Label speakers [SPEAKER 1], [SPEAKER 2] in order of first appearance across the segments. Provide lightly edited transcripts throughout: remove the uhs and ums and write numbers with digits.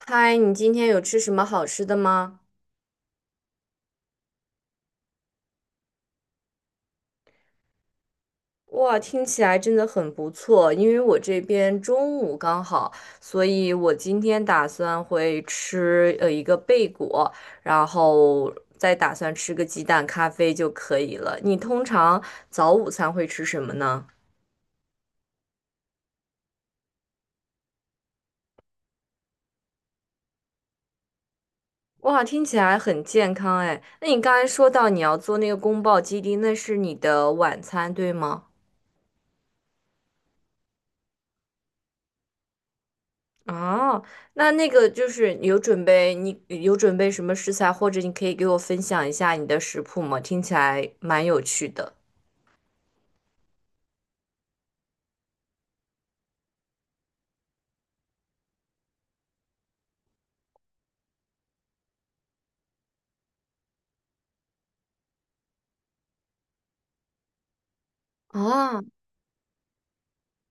[SPEAKER 1] 嗨，你今天有吃什么好吃的吗？哇，听起来真的很不错，因为我这边中午刚好，所以我今天打算会吃一个贝果，然后再打算吃个鸡蛋咖啡就可以了。你通常早午餐会吃什么呢？哇，听起来很健康哎。那你刚才说到你要做那个宫保鸡丁，那是你的晚餐，对吗？哦，那那个就是有准备，你有准备什么食材，或者你可以给我分享一下你的食谱吗？听起来蛮有趣的。啊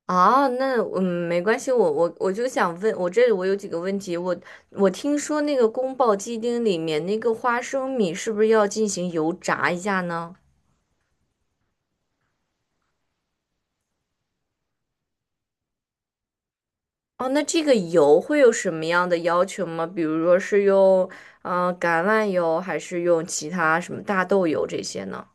[SPEAKER 1] 啊，那嗯，没关系，我就想问，我这里我有几个问题，我我听说那个宫爆鸡丁里面那个花生米是不是要进行油炸一下呢？哦，那这个油会有什么样的要求吗？比如说是用橄榄油，还是用其他什么大豆油这些呢？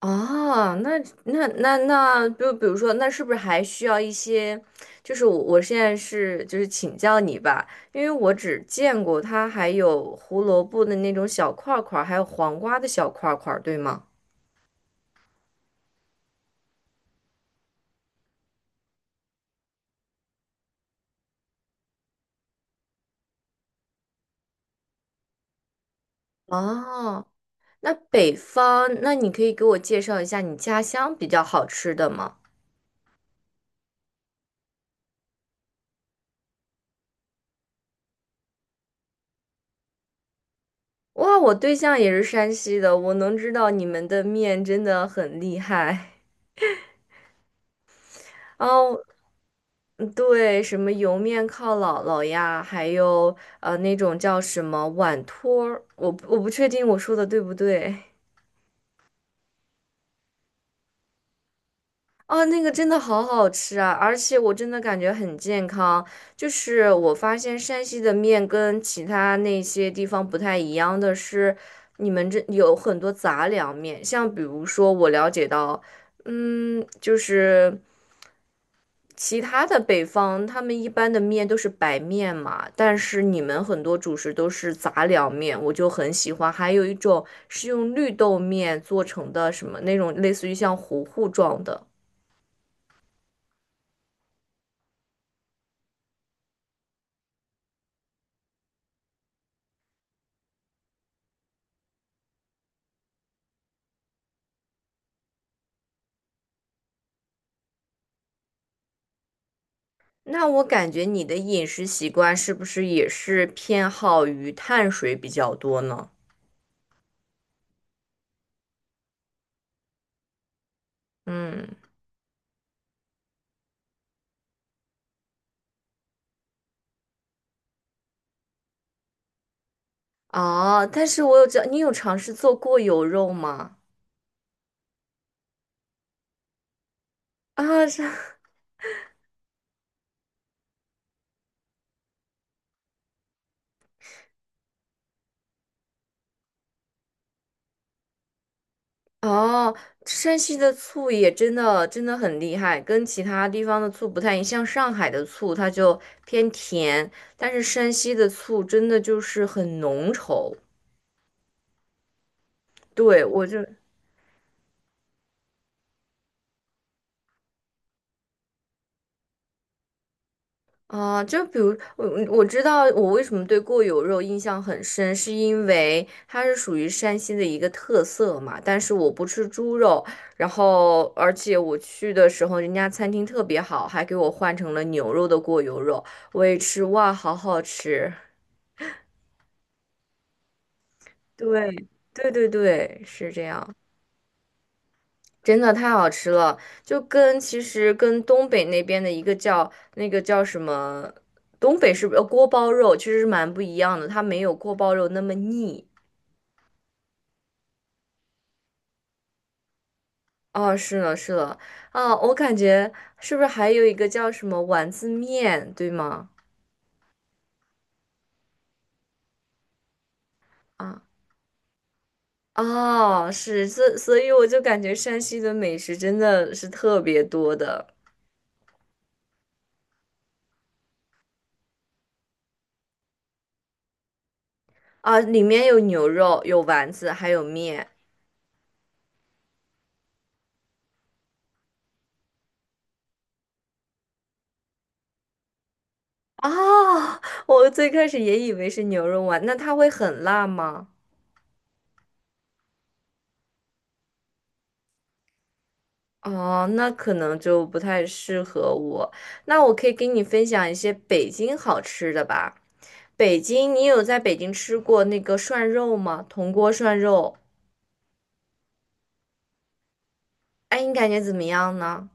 [SPEAKER 1] 哦，那，就比如说，那是不是还需要一些？就是我现在是就是请教你吧，因为我只见过它还有胡萝卜的那种小块儿块儿，还有黄瓜的小块儿块儿，对吗？哦，那北方，那你可以给我介绍一下你家乡比较好吃的吗？哇，我对象也是山西的，我能知道你们的面真的很厉害。哦，嗯对，什么油面靠姥姥呀，还有那种叫什么碗托儿，我不确定我说的对不对。哦，那个真的好好吃啊，而且我真的感觉很健康。就是我发现山西的面跟其他那些地方不太一样的是，你们这有很多杂粮面，像比如说我了解到，嗯，就是。其他的北方，他们一般的面都是白面嘛，但是你们很多主食都是杂粮面，我就很喜欢。还有一种是用绿豆面做成的，什么那种类似于像糊糊状的。那我感觉你的饮食习惯是不是也是偏好于碳水比较多呢？嗯，哦，但是我有知道，你有尝试做过油肉吗？啊，这。哦，山西的醋也真的真的很厉害，跟其他地方的醋不太一样。像上海的醋，它就偏甜，但是山西的醋真的就是很浓稠。对，我就。啊，就比如我知道我为什么对过油肉印象很深，是因为它是属于山西的一个特色嘛。但是我不吃猪肉，然后而且我去的时候，人家餐厅特别好，还给我换成了牛肉的过油肉，我也吃，哇，好好吃。对，对对对，是这样。真的太好吃了，就跟其实跟东北那边的一个叫那个叫什么，东北是不是锅包肉，其实是蛮不一样的，它没有锅包肉那么腻。哦，是了是了，啊，我感觉是不是还有一个叫什么丸子面，对吗？啊，哦，是，所以我就感觉山西的美食真的是特别多的。啊，里面有牛肉，有丸子，还有面。啊，我最开始也以为是牛肉丸，那它会很辣吗？哦，那可能就不太适合我。那我可以给你分享一些北京好吃的吧。北京，你有在北京吃过那个涮肉吗？铜锅涮肉，哎，你感觉怎么样呢？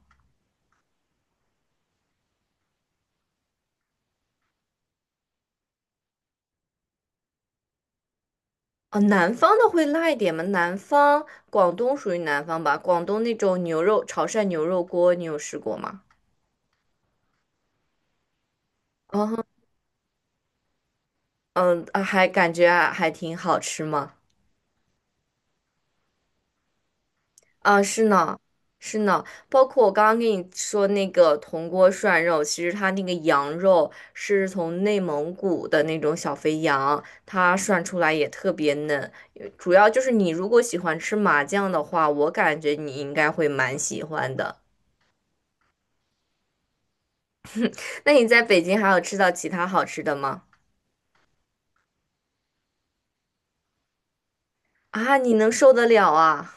[SPEAKER 1] 哦，南方的会辣一点吗？南方，广东属于南方吧？广东那种牛肉，潮汕牛肉锅，你有试过吗？嗯嗯，啊还感觉啊还挺好吃吗？啊，是呢，是呢，包括我刚刚跟你说那个铜锅涮肉，其实它那个羊肉是从内蒙古的那种小肥羊，它涮出来也特别嫩。主要就是你如果喜欢吃麻酱的话，我感觉你应该会蛮喜欢的。那你在北京还有吃到其他好吃的吗？啊，你能受得了啊？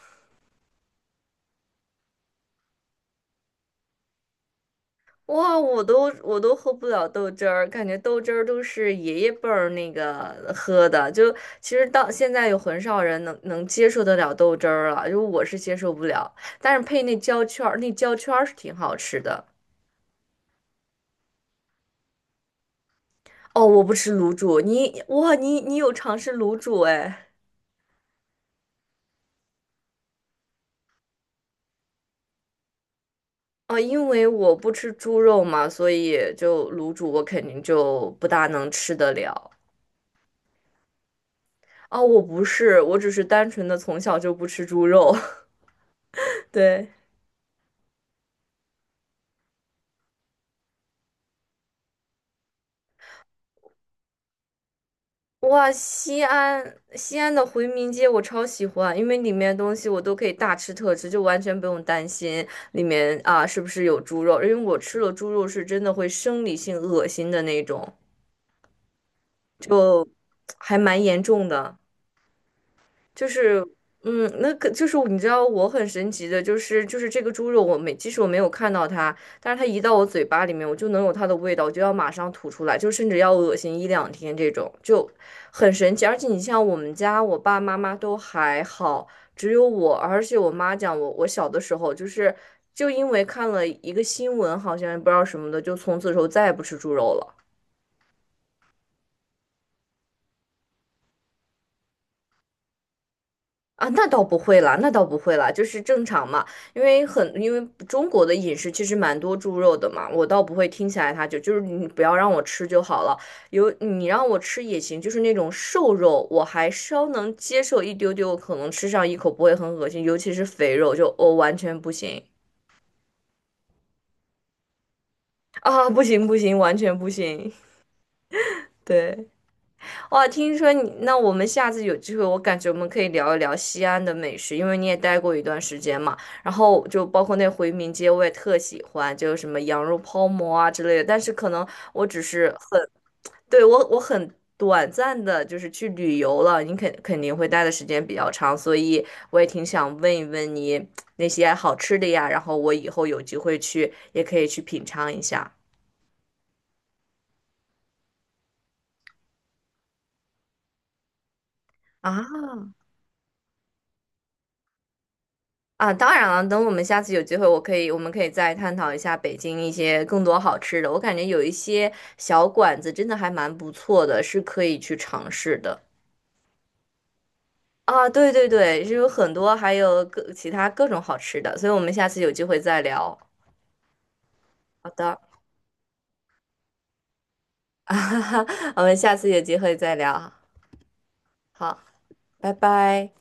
[SPEAKER 1] 哇，我都喝不了豆汁儿，感觉豆汁儿都是爷爷辈儿那个喝的，就其实到现在有很少人能接受得了豆汁儿了，就我是接受不了，但是配那焦圈儿，那焦圈儿是挺好吃的。哦，我不吃卤煮，你哇，你你有尝试卤煮哎？哦，因为我不吃猪肉嘛，所以就卤煮我肯定就不大能吃得了。哦，我不是，我只是单纯的从小就不吃猪肉，对。哇，西安的回民街我超喜欢，因为里面东西我都可以大吃特吃，就完全不用担心里面啊是不是有猪肉，因为我吃了猪肉是真的会生理性恶心的那种，还蛮严重的。就是，嗯，那个就是你知道我很神奇的，就是这个猪肉，我没即使我没有看到它，但是它一到我嘴巴里面，我就能有它的味道，我就要马上吐出来，就甚至要恶心一两天这种，就很神奇。而且你像我们家，我爸妈妈都还好，只有我，而且我妈讲我，我小的时候就是就因为看了一个新闻，好像不知道什么的，就从此之后再也不吃猪肉了。啊，那倒不会啦，那倒不会啦，就是正常嘛，因为中国的饮食其实蛮多猪肉的嘛，我倒不会听起来它就是你不要让我吃就好了，有你让我吃也行，就是那种瘦肉我还稍能接受一丢丢，可能吃上一口不会很恶心，尤其是肥肉就我、哦完全不行。啊，不行不行，完全不行，对。哇，听说你，那我们下次有机会，我感觉我们可以聊一聊西安的美食，因为你也待过一段时间嘛。然后就包括那回民街，我也特喜欢，就是什么羊肉泡馍啊之类的。但是可能我只是很，对，我我很短暂的，就是去旅游了，你肯定会待的时间比较长，所以我也挺想问一问你那些好吃的呀，然后我以后有机会去也可以去品尝一下。啊，啊，当然了，等我们下次有机会，我可以，我们可以再探讨一下北京一些更多好吃的。我感觉有一些小馆子真的还蛮不错的，是可以去尝试的。啊，对对对，是有很多，还有各其他各种好吃的，所以我们下次有机会再聊。好的，我们下次有机会再聊。好，拜拜。